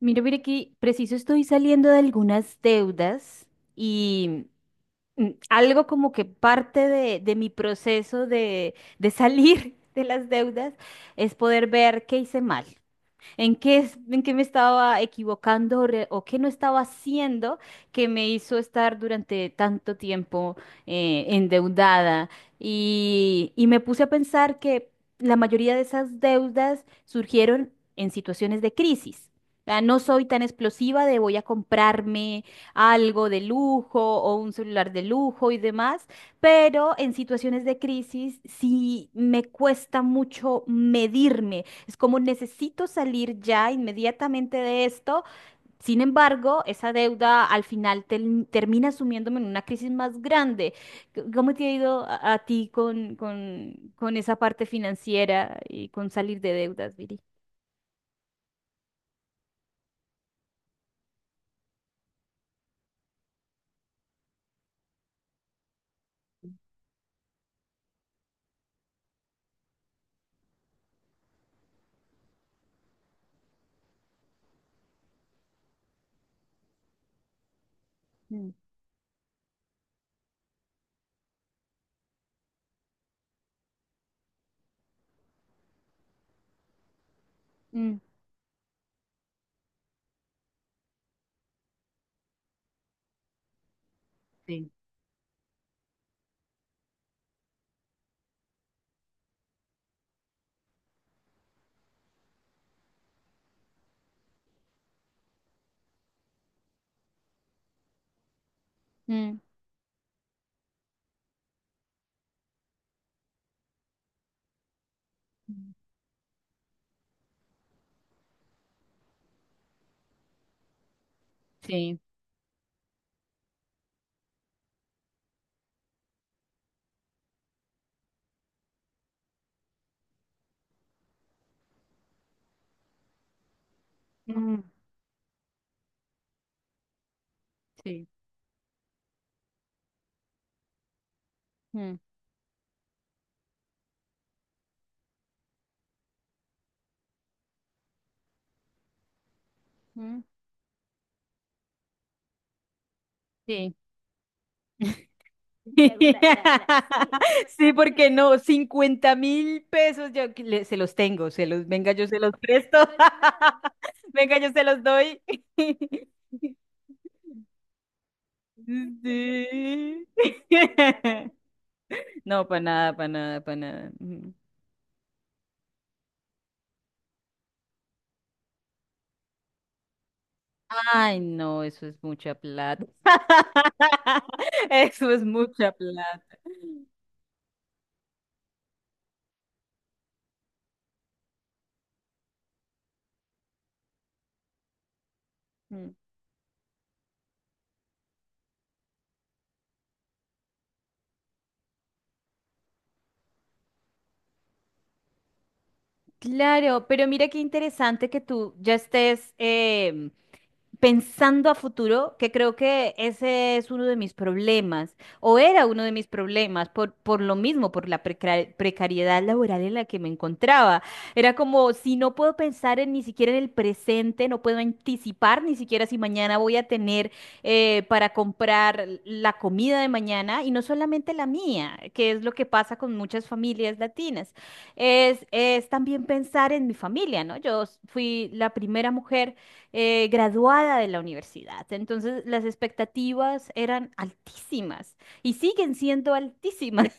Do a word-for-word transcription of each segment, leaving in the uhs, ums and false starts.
Mira, mira que preciso estoy saliendo de algunas deudas y mm, algo como que parte de, de mi proceso de, de salir de las deudas es poder ver qué hice mal. ¿En qué, es- en qué me estaba equivocando o, re- o qué no estaba haciendo que me hizo estar durante tanto tiempo eh, endeudada? Y, y me puse a pensar que la mayoría de esas deudas surgieron en situaciones de crisis. O sea, no soy tan explosiva de voy a comprarme algo de lujo o un celular de lujo y demás, pero en situaciones de crisis sí me cuesta mucho medirme, es como necesito salir ya inmediatamente de esto. Sin embargo, esa deuda al final tel- termina sumiéndome en una crisis más grande. C- ¿Cómo te ha ido a, a ti con, con, con esa parte financiera y con salir de deudas, Viri? Mm. Mm. Sí. Mm. Sí. Sí. Mm. Sí. Mm. Mm. Sí. Bla, bla, bla, bla. Sí, porque no, cincuenta mil pesos yo que le- se los tengo, se los, venga, yo se los presto, venga, yo se los doy. Sí. No, para nada, para nada, para nada. Ujú. Ay, no, eso es mucha plata. Eso es mucha plata. Mm. Claro, pero mira qué interesante que tú ya estés em, pensando a futuro, que creo que ese es uno de mis problemas, o era uno de mis problemas, por, por lo mismo, por la precar- precariedad laboral en la que me encontraba. Era como si no puedo pensar en, ni siquiera en el presente, no puedo anticipar ni siquiera si mañana voy a tener eh, para comprar la comida de mañana, y no solamente la mía, que es lo que pasa con muchas familias latinas, es, es también pensar en mi familia, ¿no? Yo s- fui la primera mujer eh, graduada de la universidad, entonces las expectativas eran altísimas y siguen siendo altísimas.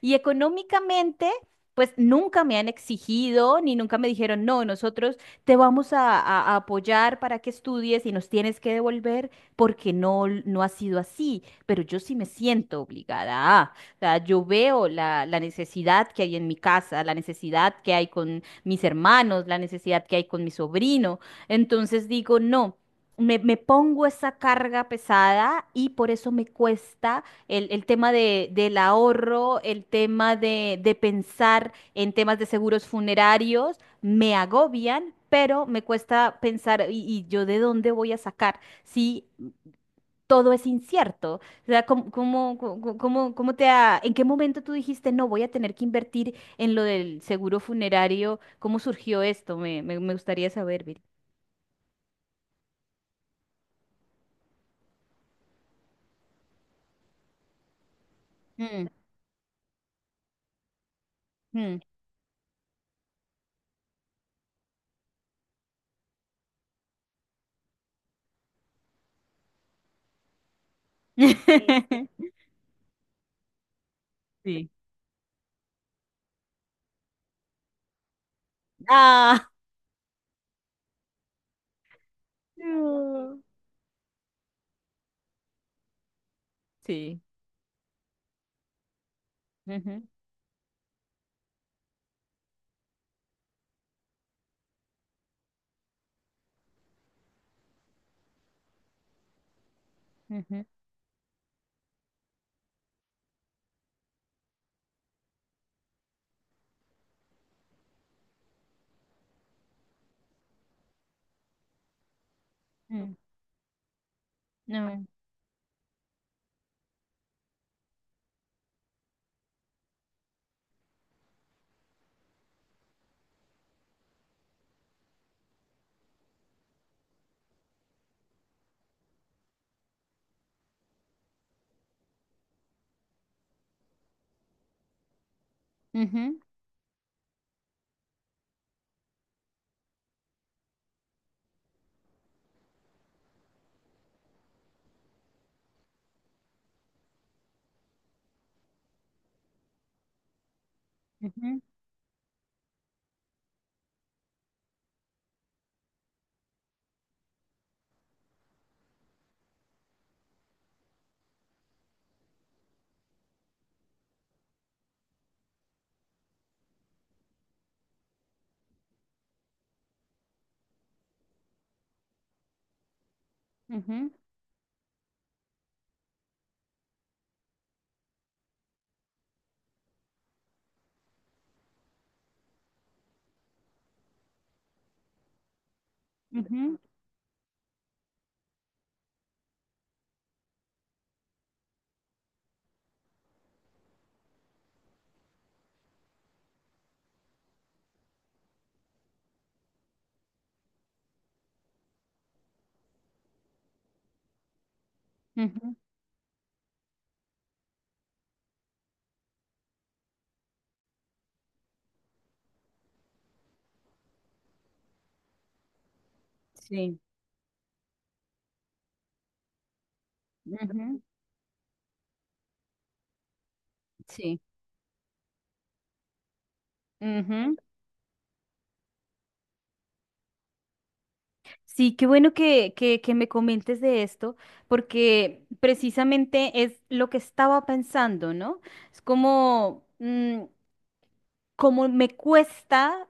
Y económicamente, pues nunca me han exigido ni nunca me dijeron, no, nosotros te vamos a, a- a apoyar para que estudies y nos tienes que devolver porque no, l- no ha sido así. Pero yo sí me siento obligada. A. O sea, yo veo la, la necesidad que hay en mi casa, la necesidad que hay con mis hermanos, la necesidad que hay con mi sobrino. Entonces digo, no. Me, me pongo esa carga pesada y por eso me cuesta el, el tema de, del ahorro, el tema de, de pensar en temas de seguros funerarios, me agobian, pero me cuesta pensar, ¿y, y yo de dónde voy a sacar si todo es incierto? O sea, ¿cómo, cómo, cómo, cómo- cómo te ha- en qué momento tú dijiste, no, voy a tener que invertir en lo del seguro funerario? ¿Cómo surgió esto? Me, me, me gustaría saber, Viri. Mm. Mm. Sí. Ah. No. Sí. Ujú. Ujú. Ujú. No. Ujú. Ujú. Ujú. Ujú. Ujú. Sí. Ujú. Sí. Ujú. Sí, qué bueno que, que, que me comentes de esto, porque precisamente es lo que estaba pensando, ¿no? Es como, mm, como me cuesta,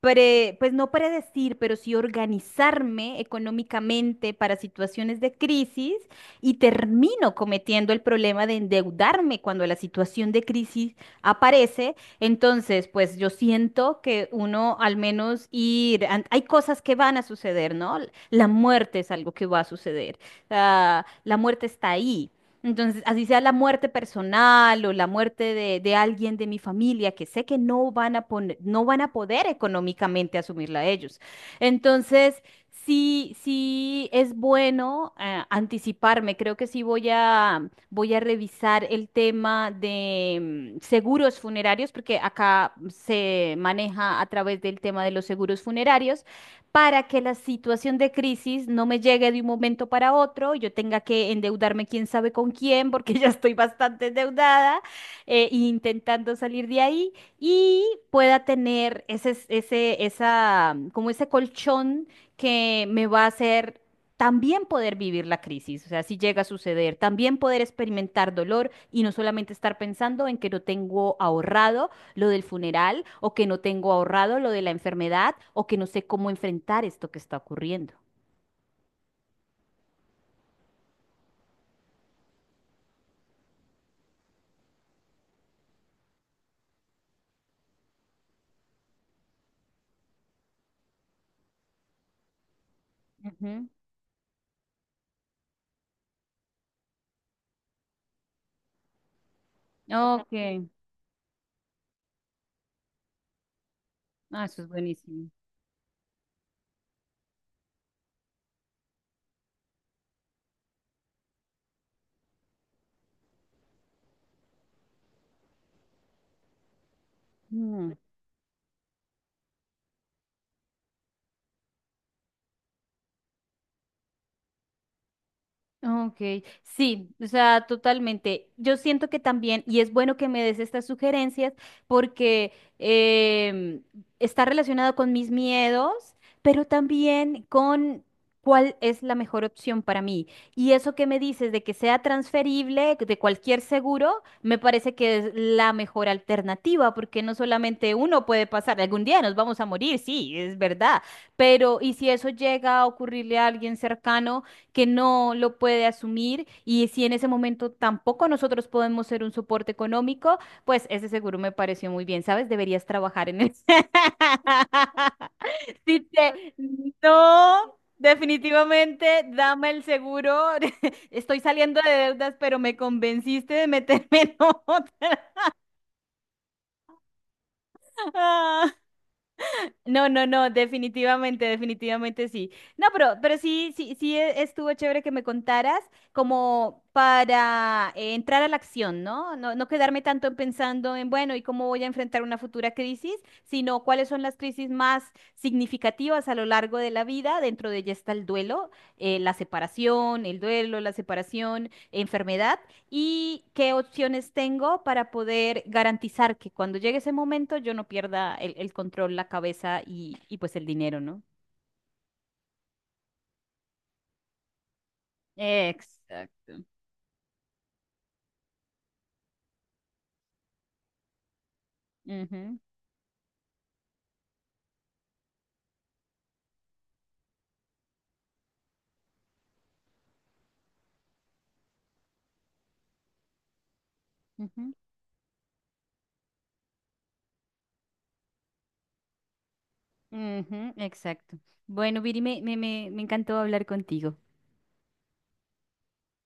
pre- pues no predecir, pero sí organizarme económicamente para situaciones de crisis y termino cometiendo el problema de endeudarme cuando la situación de crisis aparece. Entonces, pues yo siento que uno al menos ir, an- hay cosas que van a suceder, ¿no? La muerte es algo que va a suceder. Ah, la muerte está ahí. Entonces, así sea la muerte personal o la muerte de, de alguien de mi familia, que sé que no van a poner, no van a poder económicamente asumirla ellos. Entonces, sí, sí es bueno eh, anticiparme. Creo que sí voy a, voy a revisar el tema de mm, seguros funerarios, porque acá se maneja a través del tema de los seguros funerarios para que la situación de crisis no me llegue de un momento para otro, yo tenga que endeudarme quién sabe con quién, porque ya estoy bastante endeudada, eh, intentando salir de ahí y pueda tener ese, ese, esa, como ese colchón que me va a hacer también poder vivir la crisis, o sea, si llega a suceder, también poder experimentar dolor y no solamente estar pensando en que no tengo ahorrado lo del funeral o que no tengo ahorrado lo de la enfermedad o que no sé cómo enfrentar esto que está ocurriendo. Ujú. Ok. Ah, eso es buenísimo. Mm. Ok, sí, o sea, totalmente. Yo siento que también, y es bueno que me des estas sugerencias porque em, está relacionado con mis miedos, pero también con cuál es la mejor opción para mí. Y eso que me dices de que sea transferible de cualquier seguro, me parece que es la mejor alternativa porque no solamente uno puede pasar, algún día nos vamos a morir, sí, es verdad, pero ¿y si eso llega a ocurrirle a alguien cercano que no lo puede asumir y si en ese momento tampoco nosotros podemos ser un soporte económico? Pues ese seguro me pareció muy bien, ¿sabes? Deberías trabajar en él. Si te- No, definitivamente, dame el seguro. Estoy saliendo de deudas, pero me convenciste de meterme en otra. No, no, no, definitivamente, definitivamente sí. No, pero, pero sí, sí, sí e- estuvo chévere que me contaras como para eh, entrar a la acción, ¿no? No, no quedarme tanto en pensando en, bueno, ¿y cómo voy a enfrentar una futura crisis? Sino cuáles son las crisis más significativas a lo largo de la vida. Dentro de ella está el duelo, eh, la separación, el duelo, la separación, enfermedad. ¿Y qué opciones tengo para poder garantizar que cuando llegue ese momento yo no pierda el, el control, la cabeza y, y, pues el dinero, ¿no? Exacto. Ujú, ujú, ujú, exacto. Bueno, Viri, me, me, me me encantó hablar contigo.